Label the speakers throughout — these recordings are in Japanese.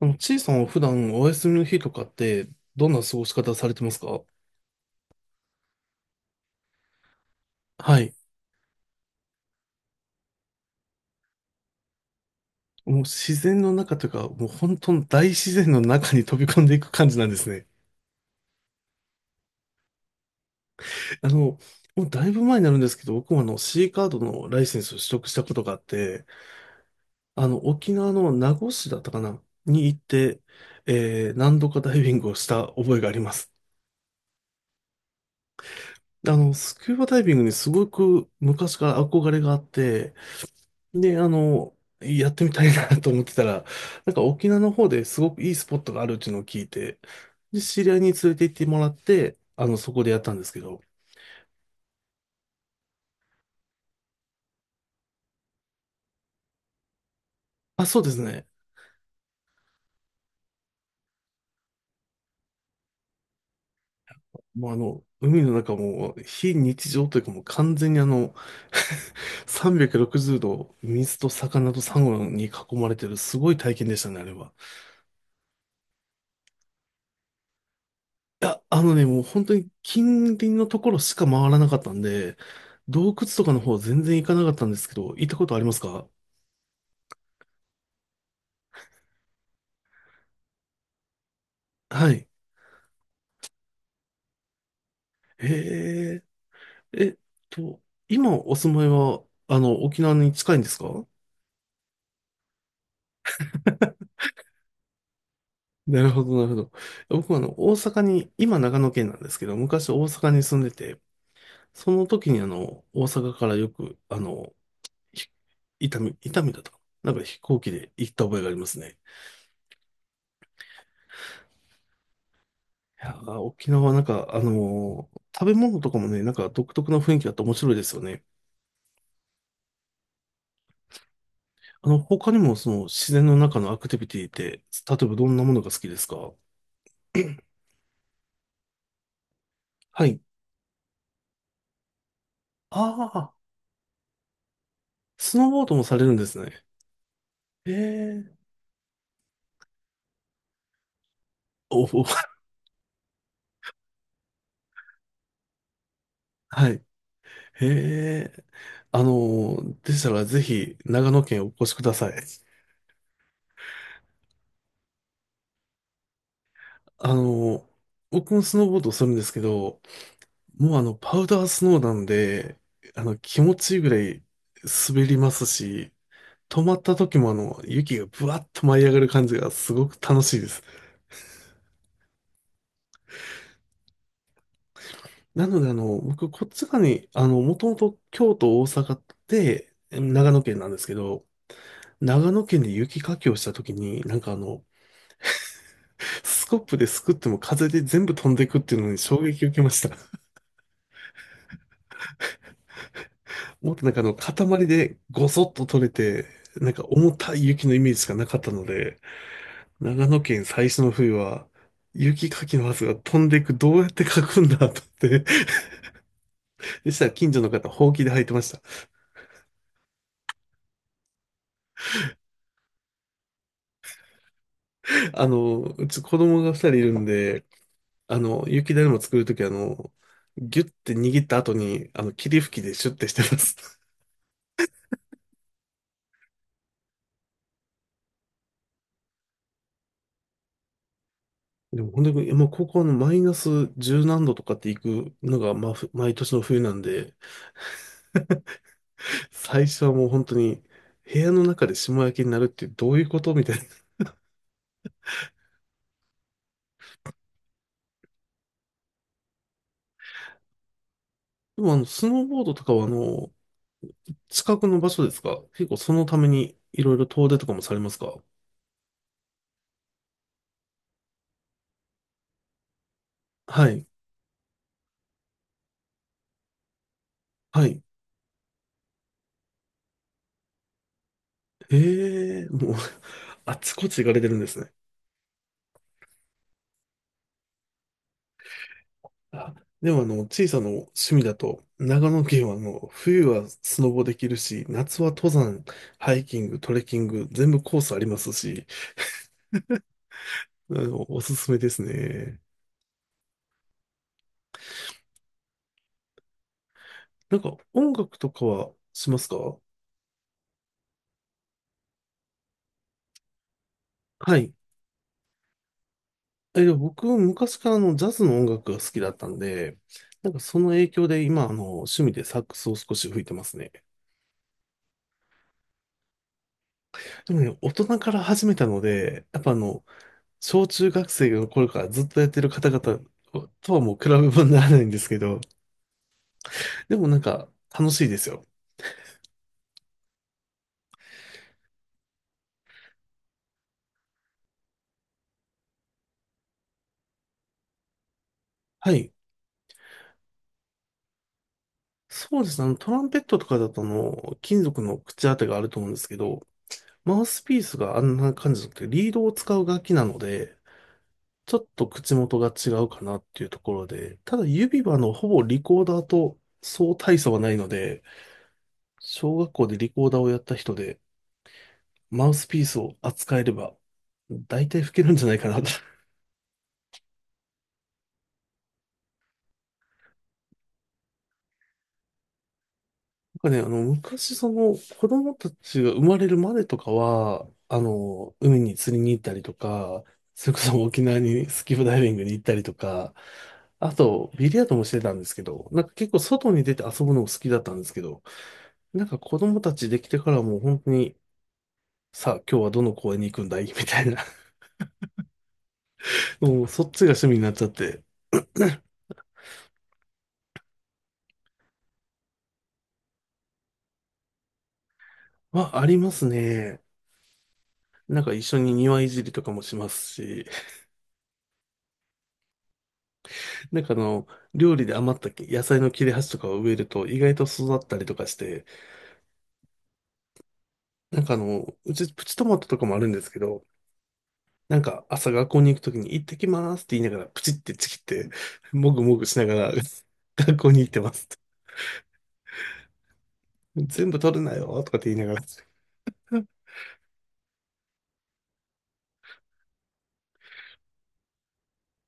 Speaker 1: ちいさんは普段お休みの日とかって、どんな過ごし方されてますか？はい。もう自然の中というか、もう本当の大自然の中に飛び込んでいく感じなんですね。あの、もうだいぶ前になるんですけど、僕もあの C カードのライセンスを取得したことがあって、沖縄の名護市だったかなに行って、何度かダイビングをした覚えがあります。あの、スキューバダイビングにすごく昔から憧れがあって、で、やってみたいな と思ってたら、なんか沖縄の方ですごくいいスポットがあるっていうのを聞いて、で、知り合いに連れて行ってもらって、そこでやったんですけど、あ、そうですね。もうあの、海の中も非日常というかもう完全にあの360度 水と魚とサンゴに囲まれてるすごい体験でしたね、あれは。いや、あのね、もう本当に近隣のところしか回らなかったんで、洞窟とかの方全然行かなかったんですけど、行ったことありますか？はい。へえ、えっと、今お住まいは、あの、沖縄に近いんですか？ なるほど、なるほど。僕はあの、大阪に、今長野県なんですけど、昔大阪に住んでて、その時にあの、大阪からよく、あの、ひ伊丹、伊丹だったかな、なんか飛行機で行った覚えがありますね。いやー、沖縄はなんか、食べ物とかもね、なんか独特な雰囲気があって面白いですよね。あの、他にもその自然の中のアクティビティって、例えばどんなものが好きですか？はい。ああ、スノーボードもされるんですね。へえ。おお、はい。へえ。あの、でしたらぜひ長野県お越しください。あの、僕もスノーボードをするんですけど、もうあの、パウダースノーなんで、あの、気持ちいいぐらい滑りますし、止まった時もあの、雪がブワッと舞い上がる感じがすごく楽しいです。なのであの、僕、こっち側に、あの、もともと京都、大阪って、長野県なんですけど、長野県で雪かきをしたときに、なんかあの、スコップですくっても風で全部飛んでいくっていうのに衝撃を受けました。もっとなんかあの、塊でごそっと取れて、なんか重たい雪のイメージしかなかったので、長野県最初の冬は、雪かきのはずが飛んでいく、どうやってかくんだと思って、でしたら近所の方、ほうきで履いてました。あの、うち子供が二人いるんで、あの、雪だるま作るときあの、ギュッて握った後に、あの、霧吹きでシュッてしてます。でも、本当に、まあ、高校のマイナス十何度とかって行くのが、まあ、毎年の冬なんで、最初はもう本当に、部屋の中で霜焼きになるってどういうことみたいな。でも、あの、スノーボードとかは、あの、近くの場所ですか？結構そのために、いろいろ遠出とかもされますか？はい。はい。ええもう、あっちこっち行かれてるんですね。あ、でもあの、小さな趣味だと、長野県はあの、冬はスノボできるし、夏は登山、ハイキング、トレッキング、全部コースありますし、あの、おすすめですね。なんか音楽とかはしますか？はい。え、でも僕、昔からあのジャズの音楽が好きだったんで、なんかその影響で今、あの、趣味でサックスを少し吹いてますね。でもね、大人から始めたので、やっぱあの、小中学生の頃からずっとやってる方々とはもう比べ物にならないんですけど、でもなんか楽しいですよ。はい。そうですね。あの、トランペットとかだとあの、金属の口当てがあると思うんですけど、マウスピースがあんな感じじゃなくて、リードを使う楽器なので、ちょっと口元が違うかなっていうところで、ただ指はあの、ほぼリコーダーとそう大差はないので、小学校でリコーダーをやった人で、マウスピースを扱えれば、大体吹けるんじゃないかなと。なんかね、あの、昔、その、子供たちが生まれるまでとかは、あの、海に釣りに行ったりとか、それこそ沖縄にスキューバダイビングに行ったりとか、あと、ビリヤードもしてたんですけど、なんか結構外に出て遊ぶのも好きだったんですけど、なんか子供たちできてからはもう本当に、さあ、今日はどの公園に行くんだい みたいな、もうそっちが趣味になっちゃって、まあ、ありますね。なんか一緒に庭いじりとかもしますし、なんかあの、料理で余った野菜の切れ端とかを植えると意外と育ったりとかして、なんかあの、うちプチトマトとかもあるんですけど、なんか朝学校に行くときに行ってきますって言いながらプチってちぎって、もぐもぐしながら 学校に行ってます。全部取るなよとかって言いながら。い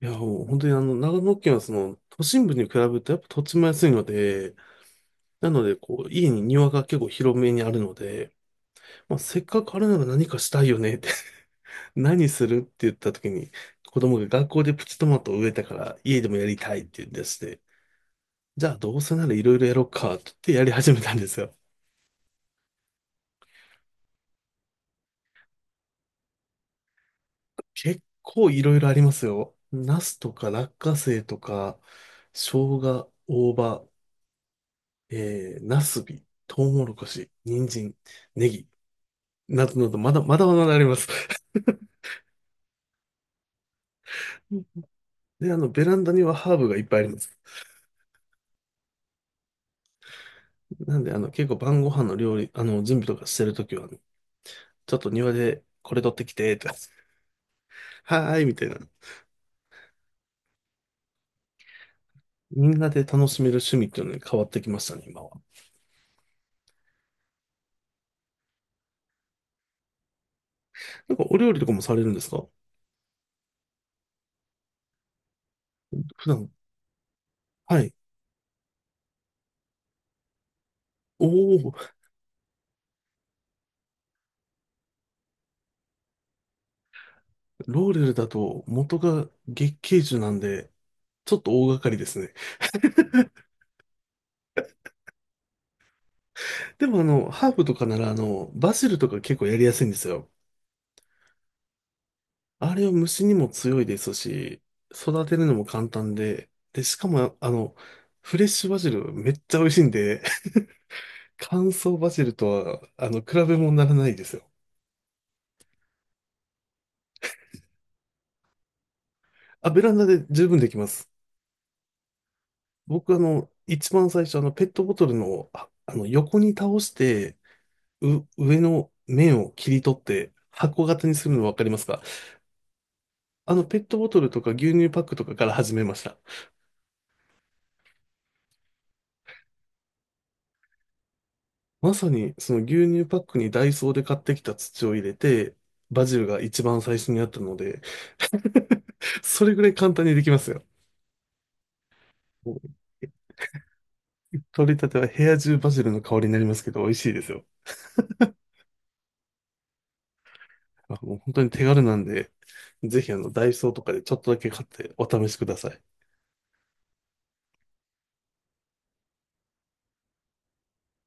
Speaker 1: や、もう本当にあの、長野県はその都心部に比べるとやっぱ土地も安いので、なのでこう、家に庭が結構広めにあるので、まあ、せっかくあるなら何かしたいよねって何するって言った時に、子供が学校でプチトマトを植えたから家でもやりたいって言い出して、じゃあどうせならいろいろやろうかって言ってやり始めたんですよ。結構いろいろありますよ。ナスとか落花生とか、生姜、大葉、ナスビ、トウモロコシ、人参、ネギ、などなど、まだまだあります。うん。で、あの、ベランダにはハーブがいっぱいあります。なんで、あの、結構晩ご飯の料理、あの、準備とかしてるときは、あのちょっと庭でこれ取ってきて、とかはーい、みたいな。みんなで楽しめる趣味っていうのに変わってきましたね、今は。なんかお料理とかもされるんですか？普段。はい。おー、ローレルだと元が月桂樹なんで、ちょっと大掛かりですね。でもあの、ハーブとかならあの、バジルとか結構やりやすいんですよ。あれは虫にも強いですし、育てるのも簡単で、で、しかもあの、フレッシュバジルめっちゃ美味しいんで、乾燥バジルとは、あの、比べ物にならないですよ。あ、ベランダで十分できます。僕あの、一番最初あの、ペットボトルの、あ、あの、横に倒して、上の面を切り取って、箱型にするのわかりますか？あの、ペットボトルとか牛乳パックとかから始めました。まさに、その牛乳パックにダイソーで買ってきた土を入れて、バジルが一番最初にあったので、それぐらい簡単にできますよ。もう取りたては部屋中バジルの香りになりますけど、美味しいですよ。あ、もう本当に手軽なんで、ぜひあの、ダイソーとかでちょっとだけ買ってお試しください。